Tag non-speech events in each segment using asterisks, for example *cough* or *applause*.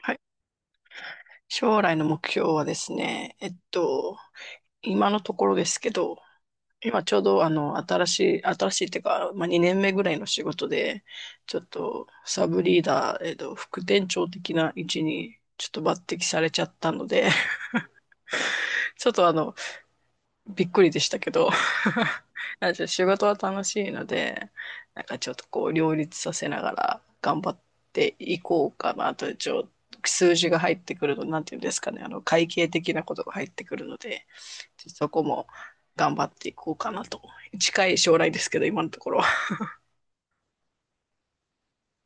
はい。将来の目標はですね、今のところですけど、今ちょうど新しいっていうか、まあ、2年目ぐらいの仕事で、ちょっとサブリーダー、副店長的な位置にちょっと抜擢されちゃったので、*laughs* ちょっとびっくりでしたけど。*laughs* じゃあ仕事は楽しいので、なんかちょっとこう両立させながら頑張っていこうかなと、数字が入ってくると、なんていうんですかね、会計的なことが入ってくるので、ちょっとそこも頑張っていこうかなと。近い将来ですけど、今のところは。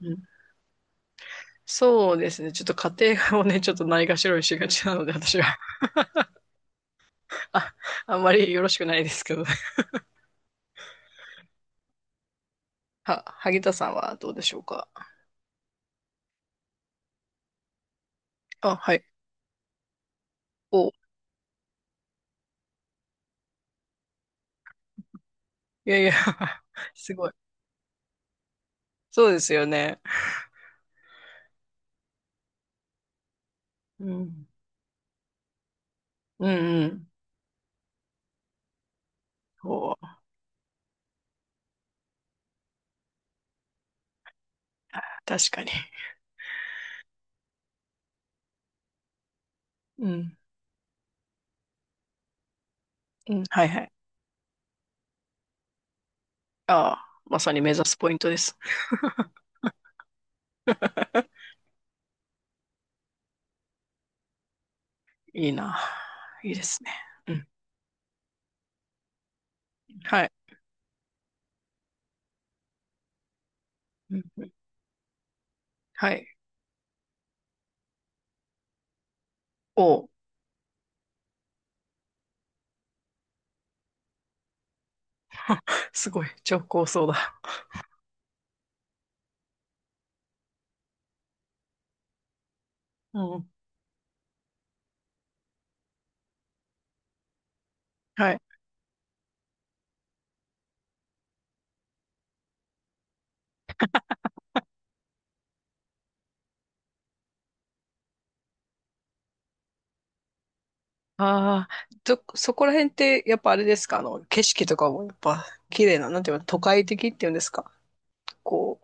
うん。そうですね。ちょっと家庭をね、ちょっとないがしろにしがちなので、私は、あ、あんまりよろしくないですけどね。萩田さんはどうでしょうか？あ、はい。お、いやいや。 *laughs* すごい。そうですよね。うん。うんうん。おー、確かに。うん。うん。はいはい。ああ、まさに目指すポイントです。*laughs* いいな。いいですね。うん。はい。うんうん。はい。おお、すごい。超高層だ。うん。はい。ああ、そこら辺って、やっぱあれですか、景色とかもやっぱ綺麗な、なんていうの、都会的っていうんですか？こ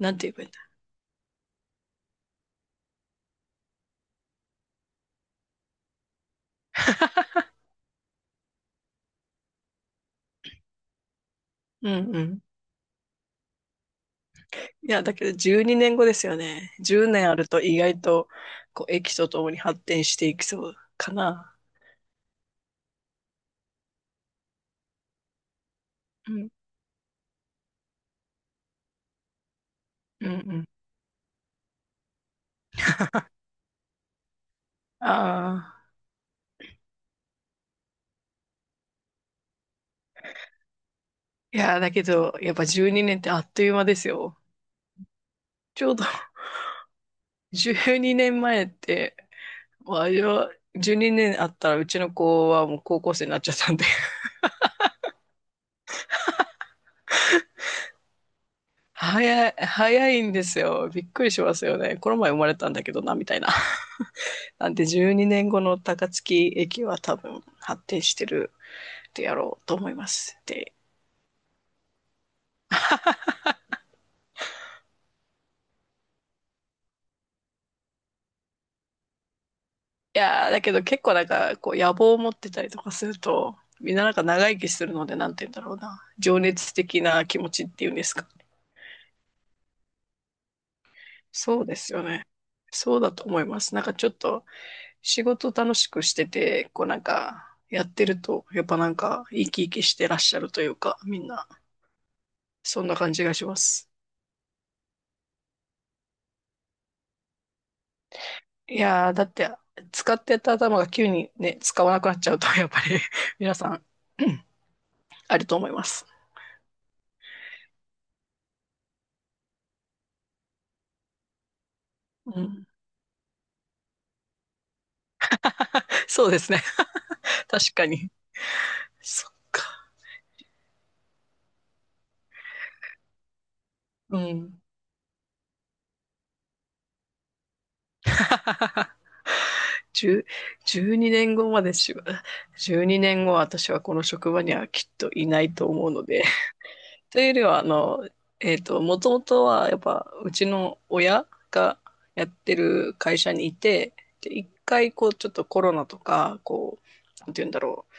う、なんて言えばいいんだ。うん。いや、だけど12年後ですよね。10年あると意外と、こう、駅とともに発展していきそうかな。うん、うん、うん。ああ。いや、だけど、やっぱ12年ってあっという間ですよ。ちょうど。 *laughs* 12年前って、もうあれは、12年あったらうちの子はもう高校生になっちゃったんで。 *laughs* 早い、早いんですよ。びっくりしますよね。この前生まれたんだけどな、みたいな。*laughs* なんで12年後の高槻駅は多分発展してるでやろうと思います。で、いやーだけど結構なんか、こう、野望を持ってたりとかすると、みんななんか長生きするので、なんて言うんだろうな。情熱的な気持ちっていうんですか。そうですよね。そうだと思います。なんかちょっと、仕事楽しくしてて、こうなんか、やってると、やっぱなんか、生き生きしてらっしゃるというか、みんな、そんな感じがします。いやーだって、使ってた頭が急にね、使わなくなっちゃうと、やっぱり。 *laughs* 皆さん、*clears throat* あると思います。うん、そうですね。確かに。そっか。うん。*laughs* 10 12年後までしば、12年後私はこの職場にはきっといないと思うので、というよりは、もともとは、やっぱ、うちの親がやってる会社にいて、で、一回、こう、ちょっとコロナとか、こう、なんて言うんだろう、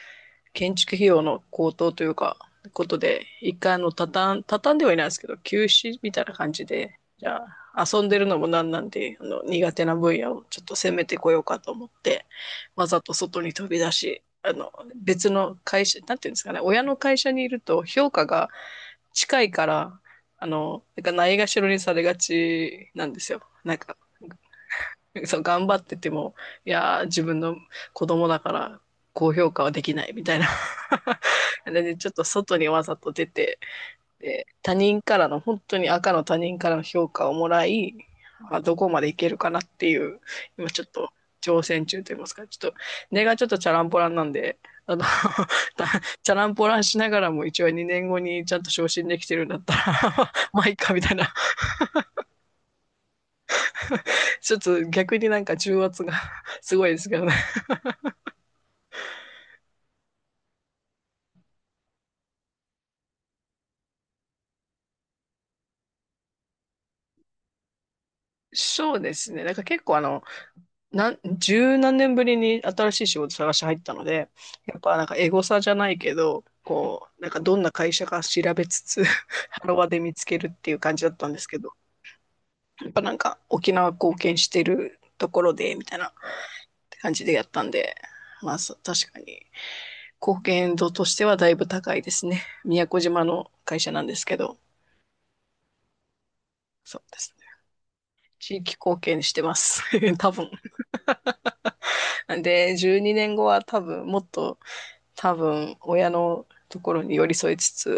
建築費用の高騰というか、ことで、一回、畳んではいないですけど、休止みたいな感じで、じゃあ、遊んでるのもなんなんで、苦手な分野をちょっと攻めてこようかと思って、わざと外に飛び出し、別の会社、なんていうんですかね、親の会社にいると評価が近いから、なんかないがしろにされがちなんですよ。なんか、そう、頑張ってても、いやー、自分の子供だから、高評価はできないみたいな。*laughs* なんで、ちょっと外にわざと出て、で、他人からの、本当に赤の他人からの評価をもらい、まあ、どこまでいけるかなっていう、今ちょっと挑戦中と言いますか、ちょっと、根がちょっとチャランポランなんで、あの、*laughs* チャランポランしながらも一応2年後にちゃんと昇進できてるんだったら、 *laughs* まあいいかみたいな、ちょっと逆になんか重圧が *laughs* すごいですけどね。そうですね。なんか結構十何年ぶりに新しい仕事探し入ったので、やっぱなんかエゴサじゃないけど、こう、なんかどんな会社か調べつつ、*laughs* ハロワで見つけるっていう感じだったんですけど、やっぱなんか沖縄貢献してるところで、みたいな感じでやったんで、まあ、確かに貢献度としてはだいぶ高いですね。宮古島の会社なんですけど、そうですね。地域貢献してます。*laughs* 多分。なんで、12年後は多分もっと多分親のところに寄り添いつつ、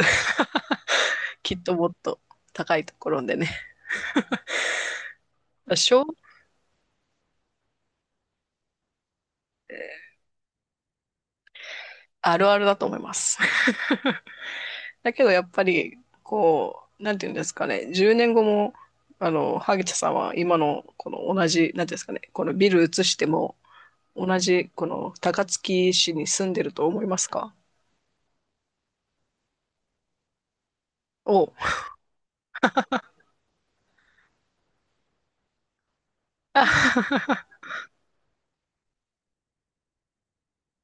*laughs* きっともっと高いところでね。小あるあるだと思います。 *laughs* だけどやっぱりこう、なんていうんですかね、10年後も萩田さんは今のこの同じ、なんていうんですかね、このビル移しても同じこの高槻市に住んでると思いますか？おう。 *laughs*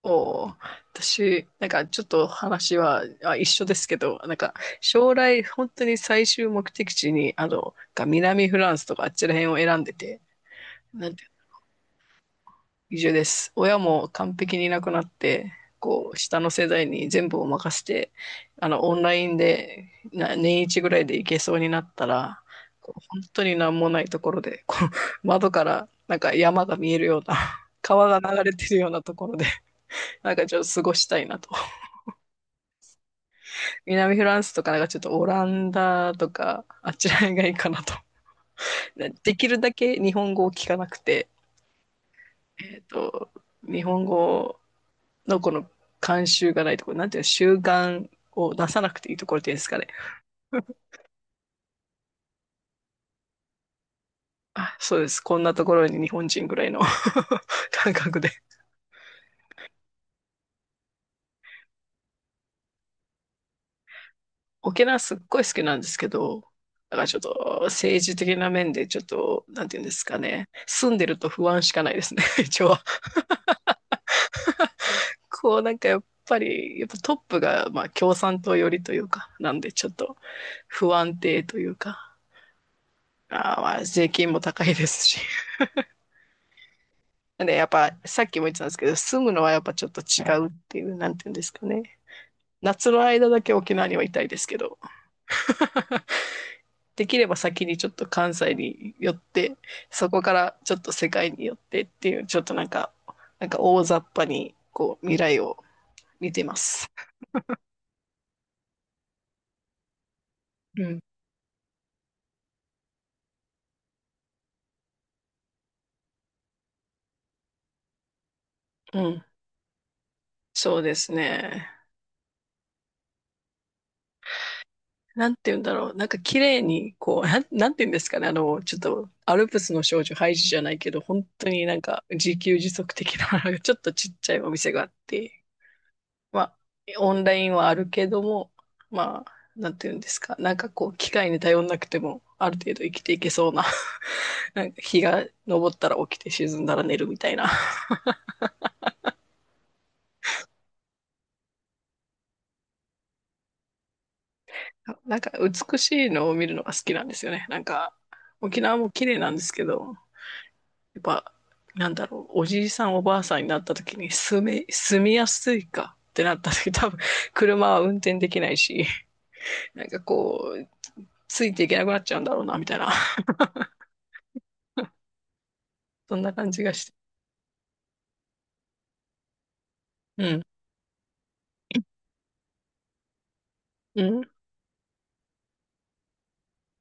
おー、私、なんかちょっと話は、あ、一緒ですけど、なんか将来本当に最終目的地に、南フランスとかあっちら辺を選んでて、なんて、移住です。親も完璧にいなくなって、こう、下の世代に全部を任せて、オンラインで、年一ぐらいで行けそうになったら、こう本当になんもないところで、こう、窓からなんか山が見えるような、川が流れてるようなところで、なんかちょっと過ごしたいなと。南フランスとかなんかちょっとオランダとか、あっちらへんがいいかなと。*laughs* できるだけ日本語を聞かなくて、えっと、日本語のこの慣習がないところ、なんていうの、習慣を出さなくていいところっていうんですかね。*laughs* あ、そうです。こんなところに日本人ぐらいの *laughs* 感覚で。沖縄すっごい好きなんですけど、だからちょっと政治的な面でちょっと、なんていうんですかね。住んでると不安しかないですね、*laughs* 一応。なんかやっぱり、やっぱトップがまあ共産党寄りというか、なんでちょっと不安定というか、まあ税金も高いですし。*laughs* で、やっぱさっきも言ってたんですけど、住むのはやっぱちょっと違うっていう、なんていうんですかね。夏の間だけ沖縄にはいたいですけど、*laughs* できれば先にちょっと関西に寄って、そこからちょっと世界に寄ってっていう、ちょっとなんか、なんか大雑把にこう未来を見てます。うん。うん。そうですね。なんて言うんだろう。なんか綺麗に、こう、*laughs* なんて言うんですかね。ちょっと、アルプスの少女ハイジじゃないけど、本当になんか自給自足的な、*laughs* ちょっとちっちゃいお店があって、まあ、オンラインはあるけども、まあ、なんて言うんですか。なんかこう、機械に頼んなくても、ある程度生きていけそうな、*laughs* なんか日が昇ったら起きて沈んだら寝るみたいな。*laughs* なんか美しいのを見るのが好きなんですよね。なんか、沖縄も綺麗なんですけど、やっぱ、なんだろう、おじいさんおばあさんになった時に住みやすいかってなった時多分車は運転できないし、なんかこう、ついていけなくなっちゃうんだろうな、みたいな。そんな感じがして。うん。うん。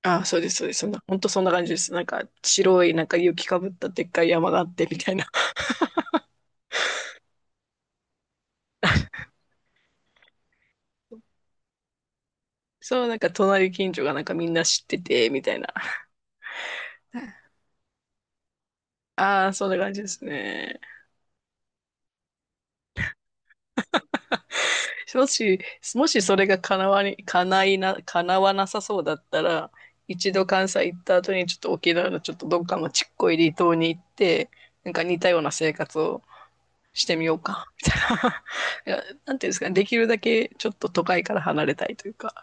あ、そうです、そうです。そんな、本当そんな感じです。なんか、白い、なんか雪かぶったでっかい山があって、みたいな。*laughs* そう、なんか隣近所がなんかみんな知ってて、みたいな。ああ、そんな感じですね。*laughs* もし、もしそれが叶わなさそうだったら、一度関西行った後にちょっと沖縄のちょっとどっかのちっこい離島に行って、なんか似たような生活をしてみようか、*laughs* みたいな。*laughs* いや、なんていうんですかね、できるだけちょっと都会から離れたいというか。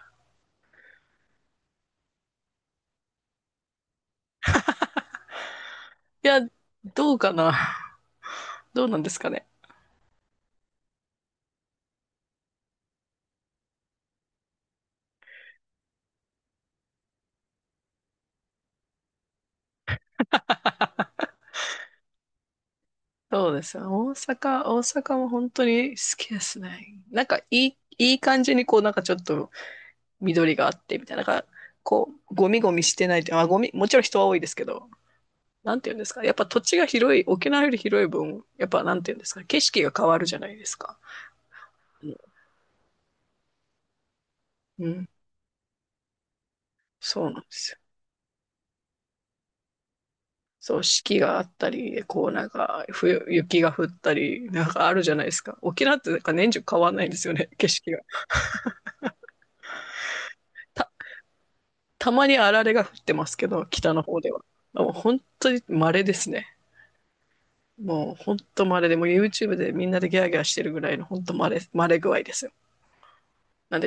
いや、どうかな。どうなんですかね。*laughs* そうですよ。大阪も本当に好きですね。なんかいい感じにこうなんかちょっと緑があってみたいな、なんかこう、ゴミゴミしてないって、ゴミ、もちろん人は多いですけど、なんていうんですか、やっぱ土地が広い、沖縄より広い分、やっぱなんていうんですか、景色が変わるじゃないですか。うん、うん。そうなんですよ。そう、四季があったり、こうなんか、冬、雪が降ったり、なんかあるじゃないですか。沖縄ってなんか年中変わんないんですよね、*laughs* 景色が。た、たまにあられが降ってますけど、北の方では。もう本当に稀ですね。もう、ほんと稀で、もう YouTube でみんなでギャーギャーしてるぐらいの、ほんと稀、稀具合ですよ。なんで